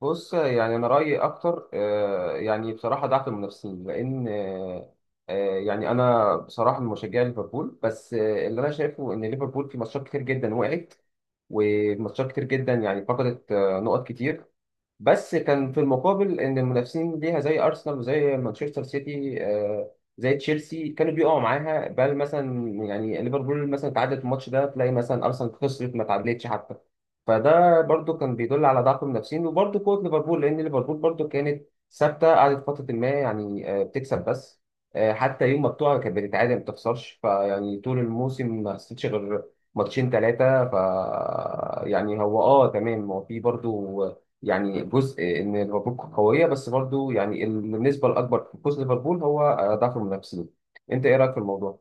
بص، يعني انا رايي اكتر يعني بصراحه ضعف المنافسين لان يعني انا بصراحه من مشجع ليفربول بس اللي انا شايفه ان ليفربول في ماتشات كتير جدا وقعت، وماتشات كتير جدا يعني فقدت نقط كتير. بس كان في المقابل ان المنافسين ليها زي ارسنال وزي مانشستر سيتي زي تشيلسي كانوا بيقعوا معاها، بل مثلا يعني ليفربول مثلا تعادلت الماتش ده، تلاقي مثلا ارسنال خسرت ما تعادلتش حتى. فده برضو كان بيدل على ضعف المنافسين، وبرضو قوة ليفربول، لان ليفربول برضو كانت ثابتة، قعدت فترة ما يعني بتكسب بس، حتى يوم ما بتقع كانت بتتعادل ما بتخسرش. فيعني طول الموسم ما خسرتش غير ماتشين ثلاثة. ف يعني هو اه تمام، هو في برضو يعني جزء ان ليفربول قويه، بس برضو يعني النسبه الاكبر في فوز ليفربول هو ضعف المنافسين. انت ايه رايك في الموضوع؟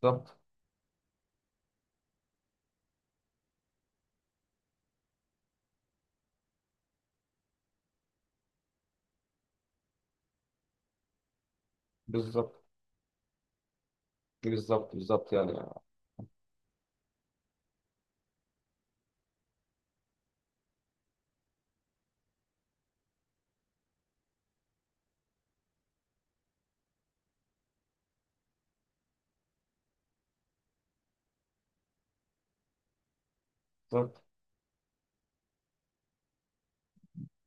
بالظبط، بالظبط، بالظبط، بالظبط، يعني بالظبط،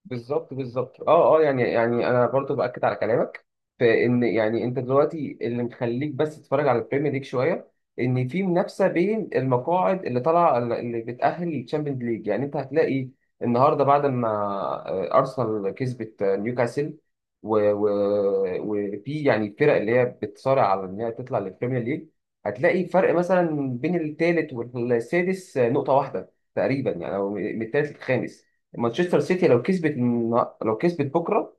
بالظبط، بالظبط، اه اه يعني انا برضو باكد على كلامك في ان يعني انت دلوقتي اللي مخليك بس تتفرج على البريمير ليج شويه ان في منافسه بين المقاعد اللي طالعه، اللي بتاهل للتشامبيونز ليج. يعني انت هتلاقي النهارده بعد ما ارسنال كسبت نيوكاسل، وفي يعني الفرق اللي هي بتصارع على ان هي تطلع للبريمير ليج، هتلاقي فرق مثلا بين الثالث والسادس نقطه واحده تقريبا يعني، او من الثالث للخامس. مانشستر سيتي لو كسبت لو كسبت بكره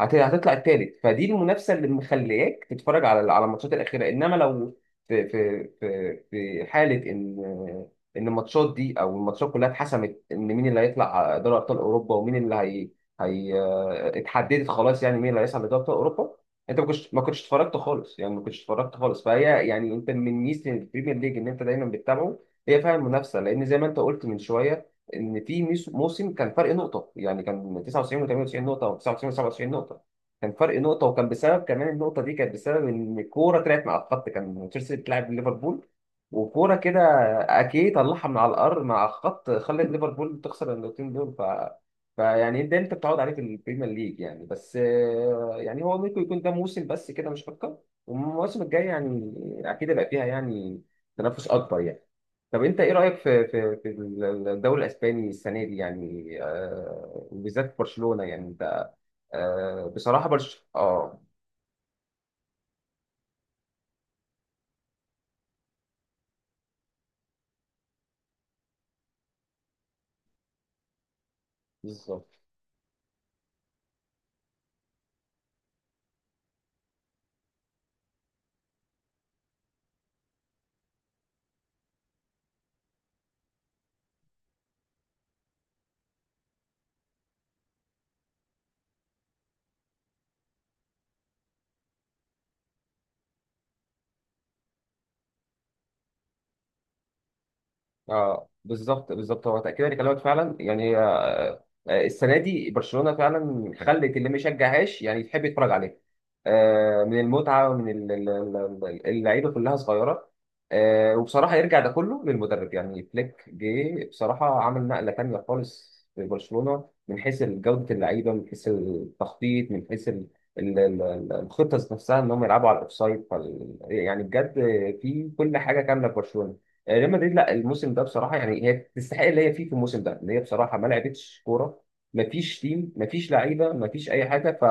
هتطلع الثالث. فدي المنافسه اللي مخلياك تتفرج على الماتشات الاخيره، انما لو في حاله ان الماتشات دي او الماتشات كلها اتحسمت ان مين اللي هيطلع دوري ابطال اوروبا ومين اللي هي اتحددت خلاص، يعني مين اللي هيصعد لدوري ابطال اوروبا. انت ما كنتش اتفرجت خالص، يعني ما كنتش اتفرجت خالص. فهي يعني انت من ميزه البريمير ليج ان انت دايما بتتابعه، هي فعلا منافسه، لان زي ما انت قلت من شويه ان في موسم كان فرق نقطه، يعني كان 99 و98 نقطه او 99 و97 نقطه. كان فرق نقطه، وكان بسبب كمان النقطه دي كانت بسبب ان الكوره طلعت مع الخط، كان تشيلسي بتلعب ليفربول وكوره كده اكيد طلعها من على الارض مع الخط، خلت ليفربول تخسر النقطتين دول. ف فيعني ده انت بتقعد عليه في البريمير ليج، يعني بس يعني هو ممكن يكون ده موسم بس كده مش اكتر. والمواسم الجايه يعني اكيد هيبقى فيها يعني تنافس اكبر يعني. طب انت ايه رايك في الدوري الاسباني السنه دي؟ يعني آه وبالذات برشلونه، يعني انت آه بصراحه برش اه بالظبط، اه بالظبط، بالظبط، هو تاكيدا لكلامك فعلا، يعني السنه دي برشلونه فعلا خلت اللي ما يشجعهاش يعني يحب يتفرج عليها من المتعه، ومن اللعيبه كلها صغيره. وبصراحه يرجع ده كله للمدرب، يعني فليك جه بصراحه عمل نقله تانيه خالص في برشلونه من حيث جوده اللعيبه، من حيث التخطيط، من حيث الخطه ذات نفسها ان هم يلعبوا على الاوفسايد. يعني بجد، في كل حاجه كامله في برشلونه. ريال مدريد لا، الموسم ده بصراحه يعني هي تستحق اللي هي فيه في الموسم ده، اللي هي بصراحه ما لعبتش كوره، ما فيش تيم، ما فيش لعيبه، ما فيش اي حاجه. ف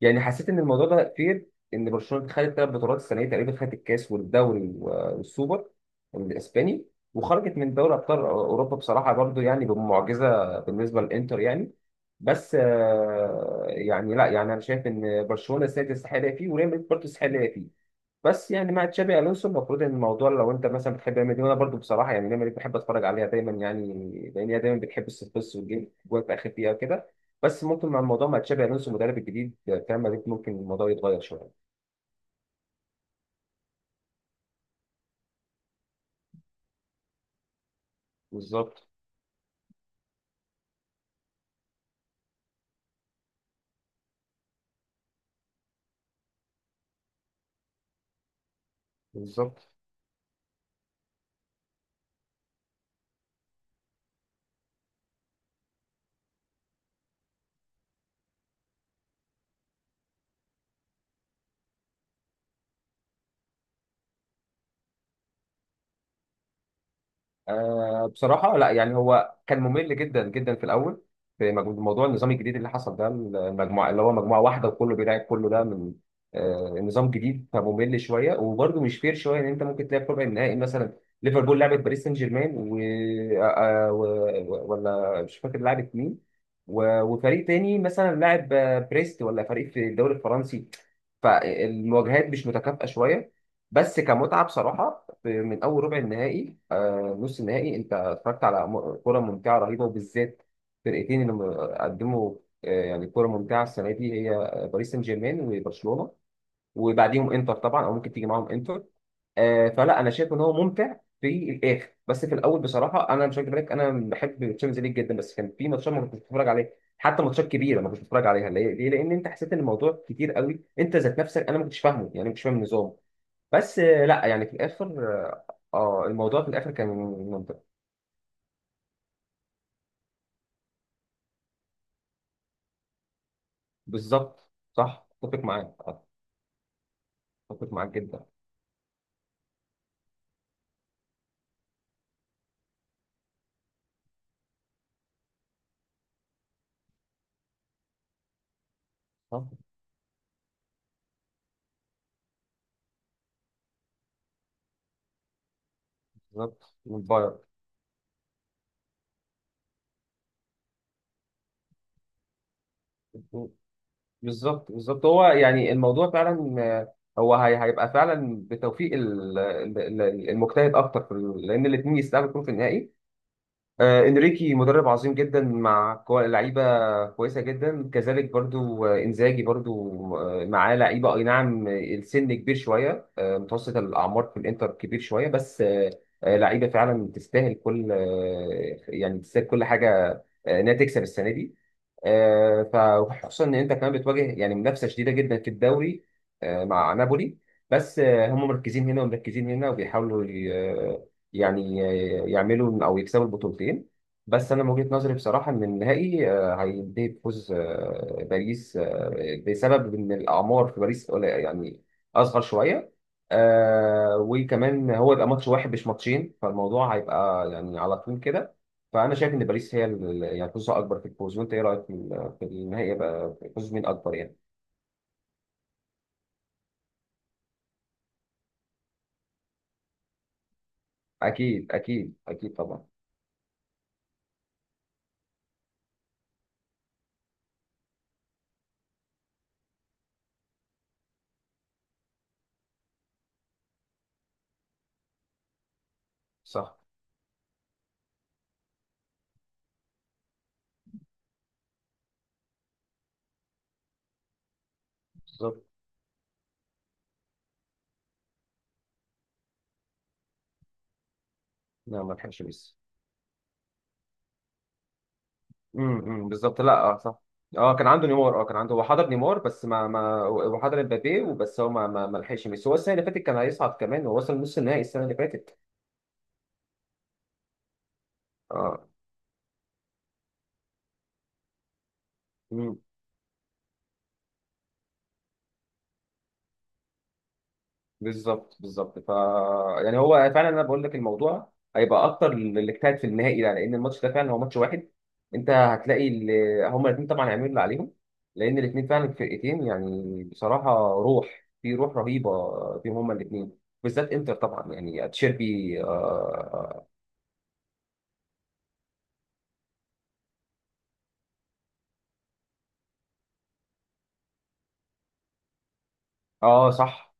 يعني حسيت ان الموضوع ده فير ان برشلونه خدت ثلاث بطولات السنه دي تقريبا، خدت الكاس والدوري والسوبر الاسباني، وخرجت من دوري ابطال اوروبا بصراحه برضو يعني بمعجزه بالنسبه للانتر، يعني بس يعني لا يعني انا شايف ان برشلونه السنه دي تستحق اللي هي فيه، وريال مدريد برضه تستحق اللي هي فيه. بس يعني مع تشابي الونسو المفروض ان الموضوع لو انت مثلا بتحب ريال مدريد، وانا برضو بصراحه يعني ريال مدريد بحب اتفرج عليها دايما يعني، لان هي دايما بتحب الصفص والجيم جوه في اخر دقيقه وكده. بس ممكن مع الموضوع مع تشابي الونسو المدرب الجديد بتاع ريال مدريد ممكن الموضوع يتغير شويه. بالظبط، بالظبط، آه بصراحة لا، يعني هو كان ممل جدا جدا في الأول، في موضوع النظام الجديد اللي حصل ده، المجموعة اللي هو مجموعة واحدة وكله بيلعب كله ده من آه النظام جديد، فممل شوية وبرده مش فير شوية، إن أنت ممكن تلاقي في ربع النهائي مثلا ليفربول لعبت باريس سان جيرمان، و... آه آه، و... و- ولا مش فاكر لعبت مين، وفريق تاني مثلا لاعب بريست، ولا فريق في الدوري الفرنسي. فالمواجهات مش متكافئة شوية، بس كمتعة بصراحة من اول ربع النهائي، نص النهائي انت اتفرجت على كره ممتعه رهيبه، وبالذات فرقتين اللي قدموا يعني كره ممتعه السنه دي، هي باريس سان جيرمان وبرشلونه، وبعديهم انتر طبعا، او ممكن تيجي معاهم انتر. فلا انا شايف ان هو ممتع في الاخر، بس في الاول بصراحه انا مش هكدب عليك، انا بحب الشامبيونز ليج جدا، بس كان في ماتشات ما كنتش بتفرج عليها، حتى ماتشات كبيره ما كنتش بتفرج عليها. ليه؟ ليه؟ لان انت حسيت ان الموضوع كتير قوي انت ذات نفسك، انا ما كنتش فاهمه، يعني مش فاهم النظام. بس لا يعني في الاخر اه، الموضوع في الاخر كان منطقي. بالظبط، صح، اتفق معاك، اتفق معاك جدا. صح. بالظبط والباير. بالظبط، بالظبط، هو يعني الموضوع فعلا هو هيبقى فعلا بتوفيق المجتهد اكتر لان الاثنين يستاهلوا يكونوا في النهائي. انريكي مدرب عظيم جدا مع لعيبه كويسه جدا، كذلك برضو انزاجي برضو معاه لعيبه اي نعم، السن كبير شويه، متوسط الاعمار في الانتر كبير شويه، بس لعيبه فعلا تستاهل كل يعني تستاهل كل حاجه انها تكسب السنه دي. آه، فخصوصا ان انت كمان بتواجه يعني منافسه شديده جدا في الدوري مع نابولي، بس هم مركزين هنا ومركزين هنا، وبيحاولوا يعني يعملوا او يكسبوا البطولتين. بس انا من وجهه نظري بصراحه ان النهائي هينتهي بفوز باريس بسبب ان الاعمار في باريس قليلة، يعني اصغر شويه، وكمان هو يبقى ماتش واحد مش ماتشين، فالموضوع هيبقى يعني على طول كده. فانا شايف ان باريس هي يعني فرصه اكبر في الفوز. وانت ايه رايك في في النهائي بقى، فوز مين اكبر يعني؟ اكيد، اكيد، اكيد طبعا. صح. بالظبط، لا ما لحقش ميسي. امم، أمم، بالظبط، لا اه صح. اه كان عنده نيمار. اه كان عنده، هو حضر نيمار بس ما ما هو حضر امبابي وبس. هو ما لحقش ميسي. هو السنه اللي فاتت كان هيصعد كمان، هو وصل نص النهائي السنه اللي فاتت. اه. امم. بالظبط، بالظبط. ف يعني هو فعلا انا بقول لك الموضوع هيبقى اكتر اللي اجتهد في النهائي ده، لان الماتش ده فعلا هو ماتش واحد. انت هتلاقي اللي هما الاثنين طبعا هيعملوا اللي عليهم، لان الاثنين فعلا فرقتين، يعني بصراحه روح في روح رهيبه فيهم هما الاثنين، بالذات انتر طبعا يعني تشيربي اه, صح،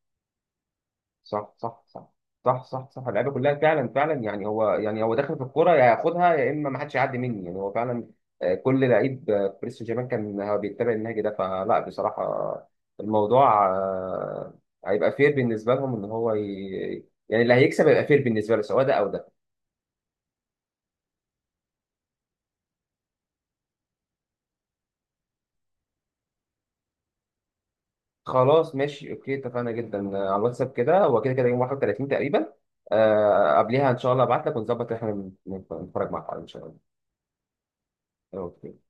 صح، صح، صح، صح، صح، صح. اللعيبه كلها فعلا فعلا يعني هو، يعني هو داخل في الكوره، يا هياخدها يا اما ما حدش يعدي مني. يعني هو فعلا كل لعيب في باريس سان جيرمان كان هو بيتبع النهج ده. فلا بصراحه الموضوع هيبقى فير بالنسبه لهم، ان هو يعني اللي هيكسب هيبقى فير بالنسبه له، سواء ده او ده. خلاص ماشي اوكي، اتفقنا جدا على الواتساب كده. هو كده كده يوم 31 تقريبا، قبليها ان شاء الله ابعت لك، ونظبط احنا نتفرج مع بعض ان شاء الله. اوكي.